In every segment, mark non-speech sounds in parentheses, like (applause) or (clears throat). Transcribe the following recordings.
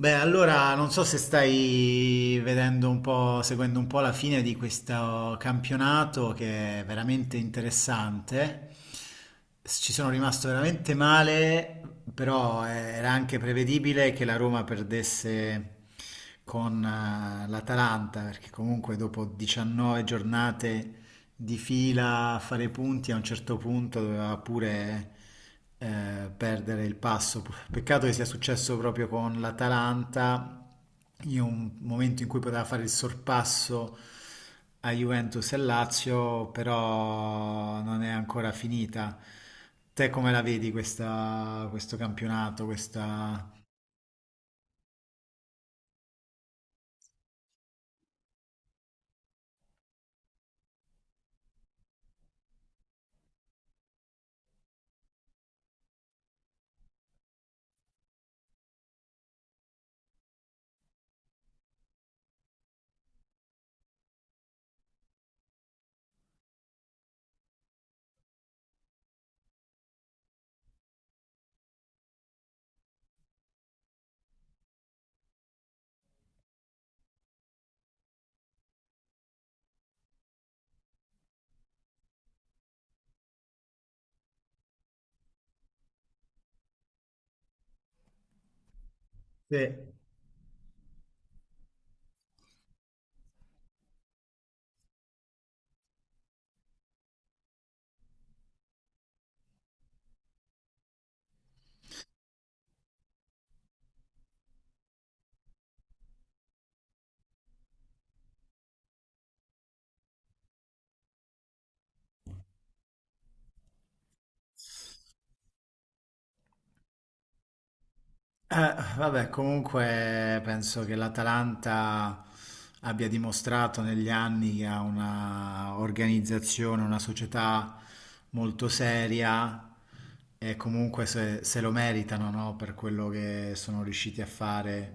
Beh, allora non so se stai vedendo un po', seguendo un po' la fine di questo campionato che è veramente interessante. Ci sono rimasto veramente male, però era anche prevedibile che la Roma perdesse con l'Atalanta, perché comunque dopo 19 giornate di fila a fare i punti, a un certo punto doveva pure perdere il passo. Peccato che sia successo proprio con l'Atalanta, in un momento in cui poteva fare il sorpasso a Juventus e Lazio, però non è ancora finita. Te come la vedi questo campionato, questa... Sì. Vabbè, comunque penso che l'Atalanta abbia dimostrato negli anni che ha una organizzazione, una società molto seria e comunque se lo meritano, no? Per quello che sono riusciti a fare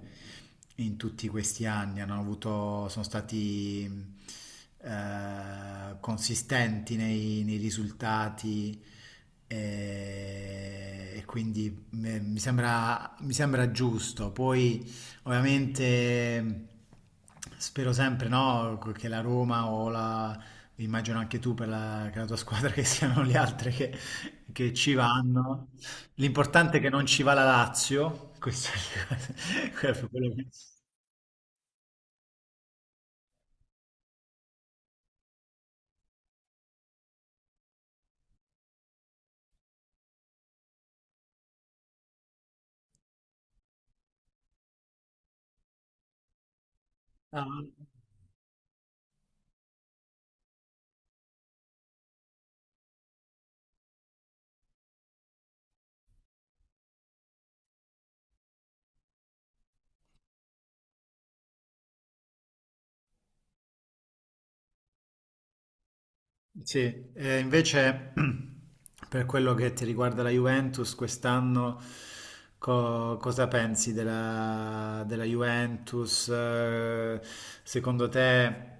in tutti questi anni. Hanno avuto, sono stati consistenti nei risultati e quindi mi sembra giusto, poi ovviamente spero sempre no, che la Roma o la, immagino anche tu per la, che la tua squadra che siano le altre che ci vanno. L'importante è che non ci va la Lazio, questo è (laughs) quello che... Ah. Sì, e invece (clears throat) per quello che ti riguarda la Juventus, quest'anno cosa pensi della, della Juventus? Secondo te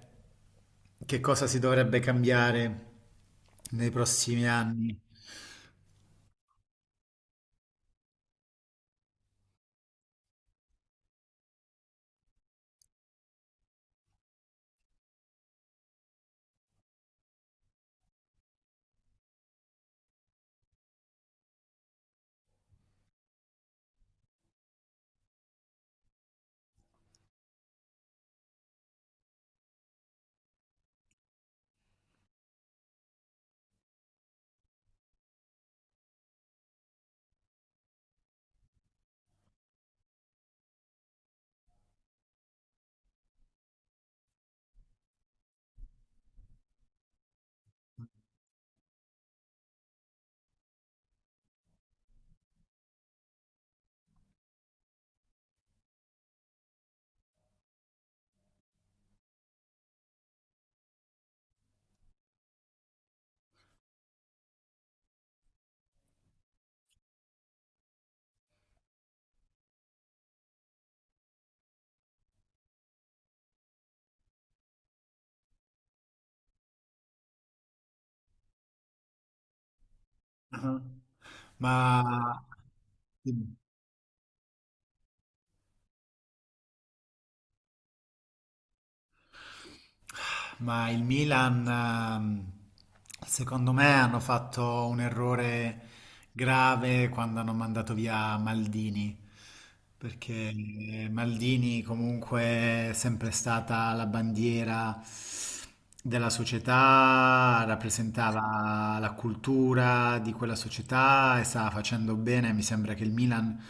che cosa si dovrebbe cambiare nei prossimi anni? Ah, ma... Ma il Milan, secondo me, hanno fatto un errore grave quando hanno mandato via Maldini, perché Maldini comunque è sempre stata la bandiera della società, rappresentava la cultura di quella società e stava facendo bene. Mi sembra che il Milan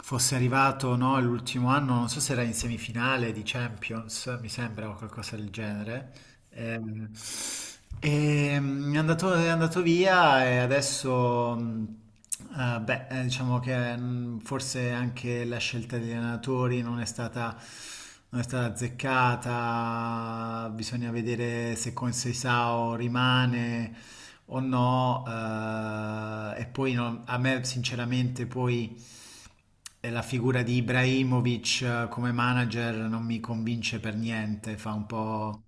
fosse arrivato, no, l'ultimo anno, non so se era in semifinale di Champions, mi sembra o qualcosa del genere. Ehm, è andato via e adesso, beh, diciamo che forse anche la scelta degli allenatori non è stata, non è stata azzeccata, bisogna vedere se con Seisao rimane o no, e poi a me sinceramente poi... E la figura di Ibrahimovic come manager non mi convince per niente,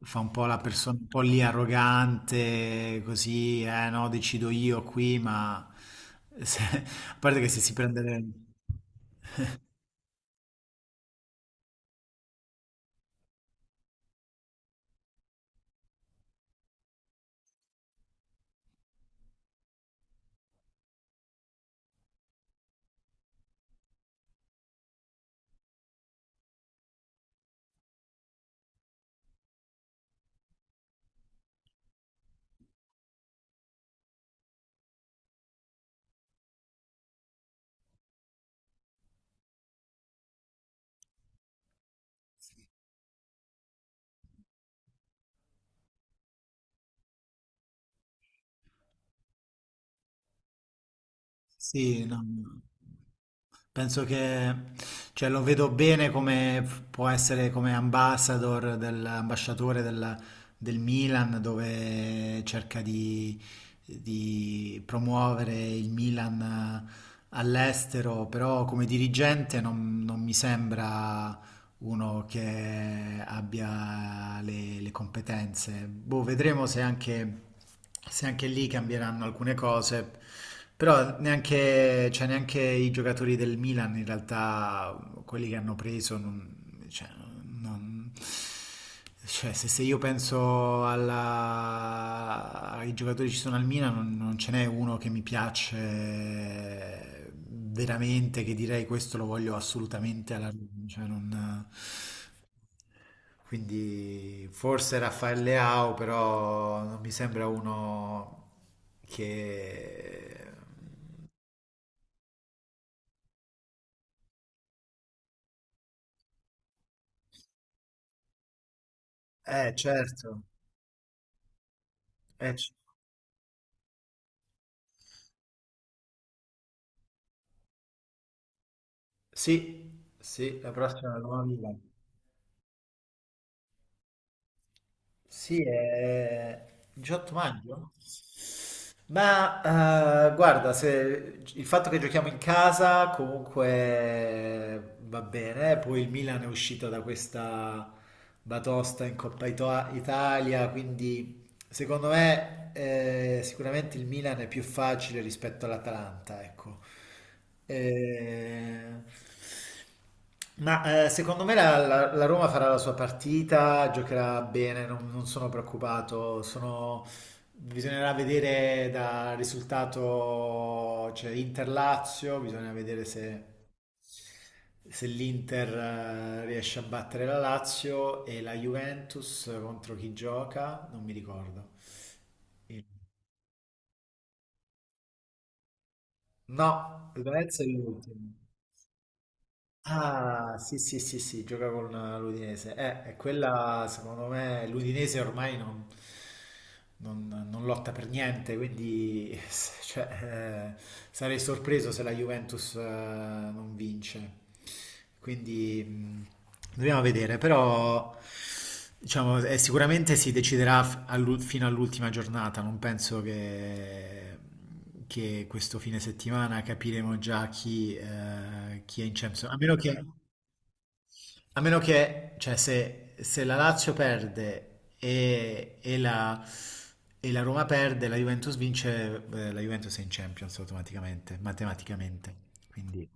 fa un po' la persona un po' lì arrogante, così, eh no, decido io qui, ma se- (laughs) a parte che se si prende... le- Sì, no. No. Penso che, cioè, lo vedo bene come può essere come ambassador ambasciatore del, del Milan, dove cerca di promuovere il Milan all'estero, però come dirigente non, non mi sembra uno che abbia le competenze. Boh, vedremo se anche, se anche lì cambieranno alcune cose. Però neanche, cioè, neanche i giocatori del Milan, in realtà, quelli che hanno preso, non, cioè, non- cioè, se io penso ai giocatori che ci sono al Milan, non, non ce n'è uno che mi piace veramente, che direi questo lo voglio assolutamente alla Roma. Cioè, non- Quindi forse Raffaele Leao, però non mi sembra uno che... certo. C- Sì, sì, la prossima è la nuova Milan. Sì, è 18 maggio? Ma guarda, il fatto che giochiamo in casa comunque va bene, eh. Poi il Milan è uscito da questa batosta in Coppa Italia, quindi secondo me, sicuramente il Milan è più facile rispetto all'Atalanta, ecco. Eh, ma secondo me la Roma farà la sua partita, giocherà bene, non, non sono preoccupato. Sono, bisognerà vedere dal risultato, cioè Inter-Lazio, bisogna vedere se, se l'Inter riesce a battere la Lazio e la Juventus contro chi gioca, non mi ricordo. Il- No, il Venezia è l'ultimo. Ah, sì, sì, sì, sì, gioca con l'Udinese. E quella, secondo me, l'Udinese ormai non, non lotta per niente, quindi (laughs) s- cioè, sarei sorpreso se la Juventus, non vince. Quindi, dobbiamo vedere, però, diciamo, sicuramente si deciderà fino all'ultima giornata, non penso che questo fine settimana capiremo già chi, chi è in Champions. A meno che, cioè, se la Lazio perde e la Roma perde, la Juventus vince, la Juventus è in Champions automaticamente, matematicamente. Quindi...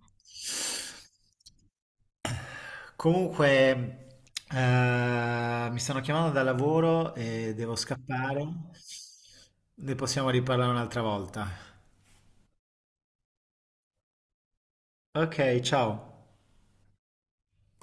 Comunque, mi stanno chiamando da lavoro e devo scappare. Ne possiamo riparlare un'altra volta. Ok, ciao.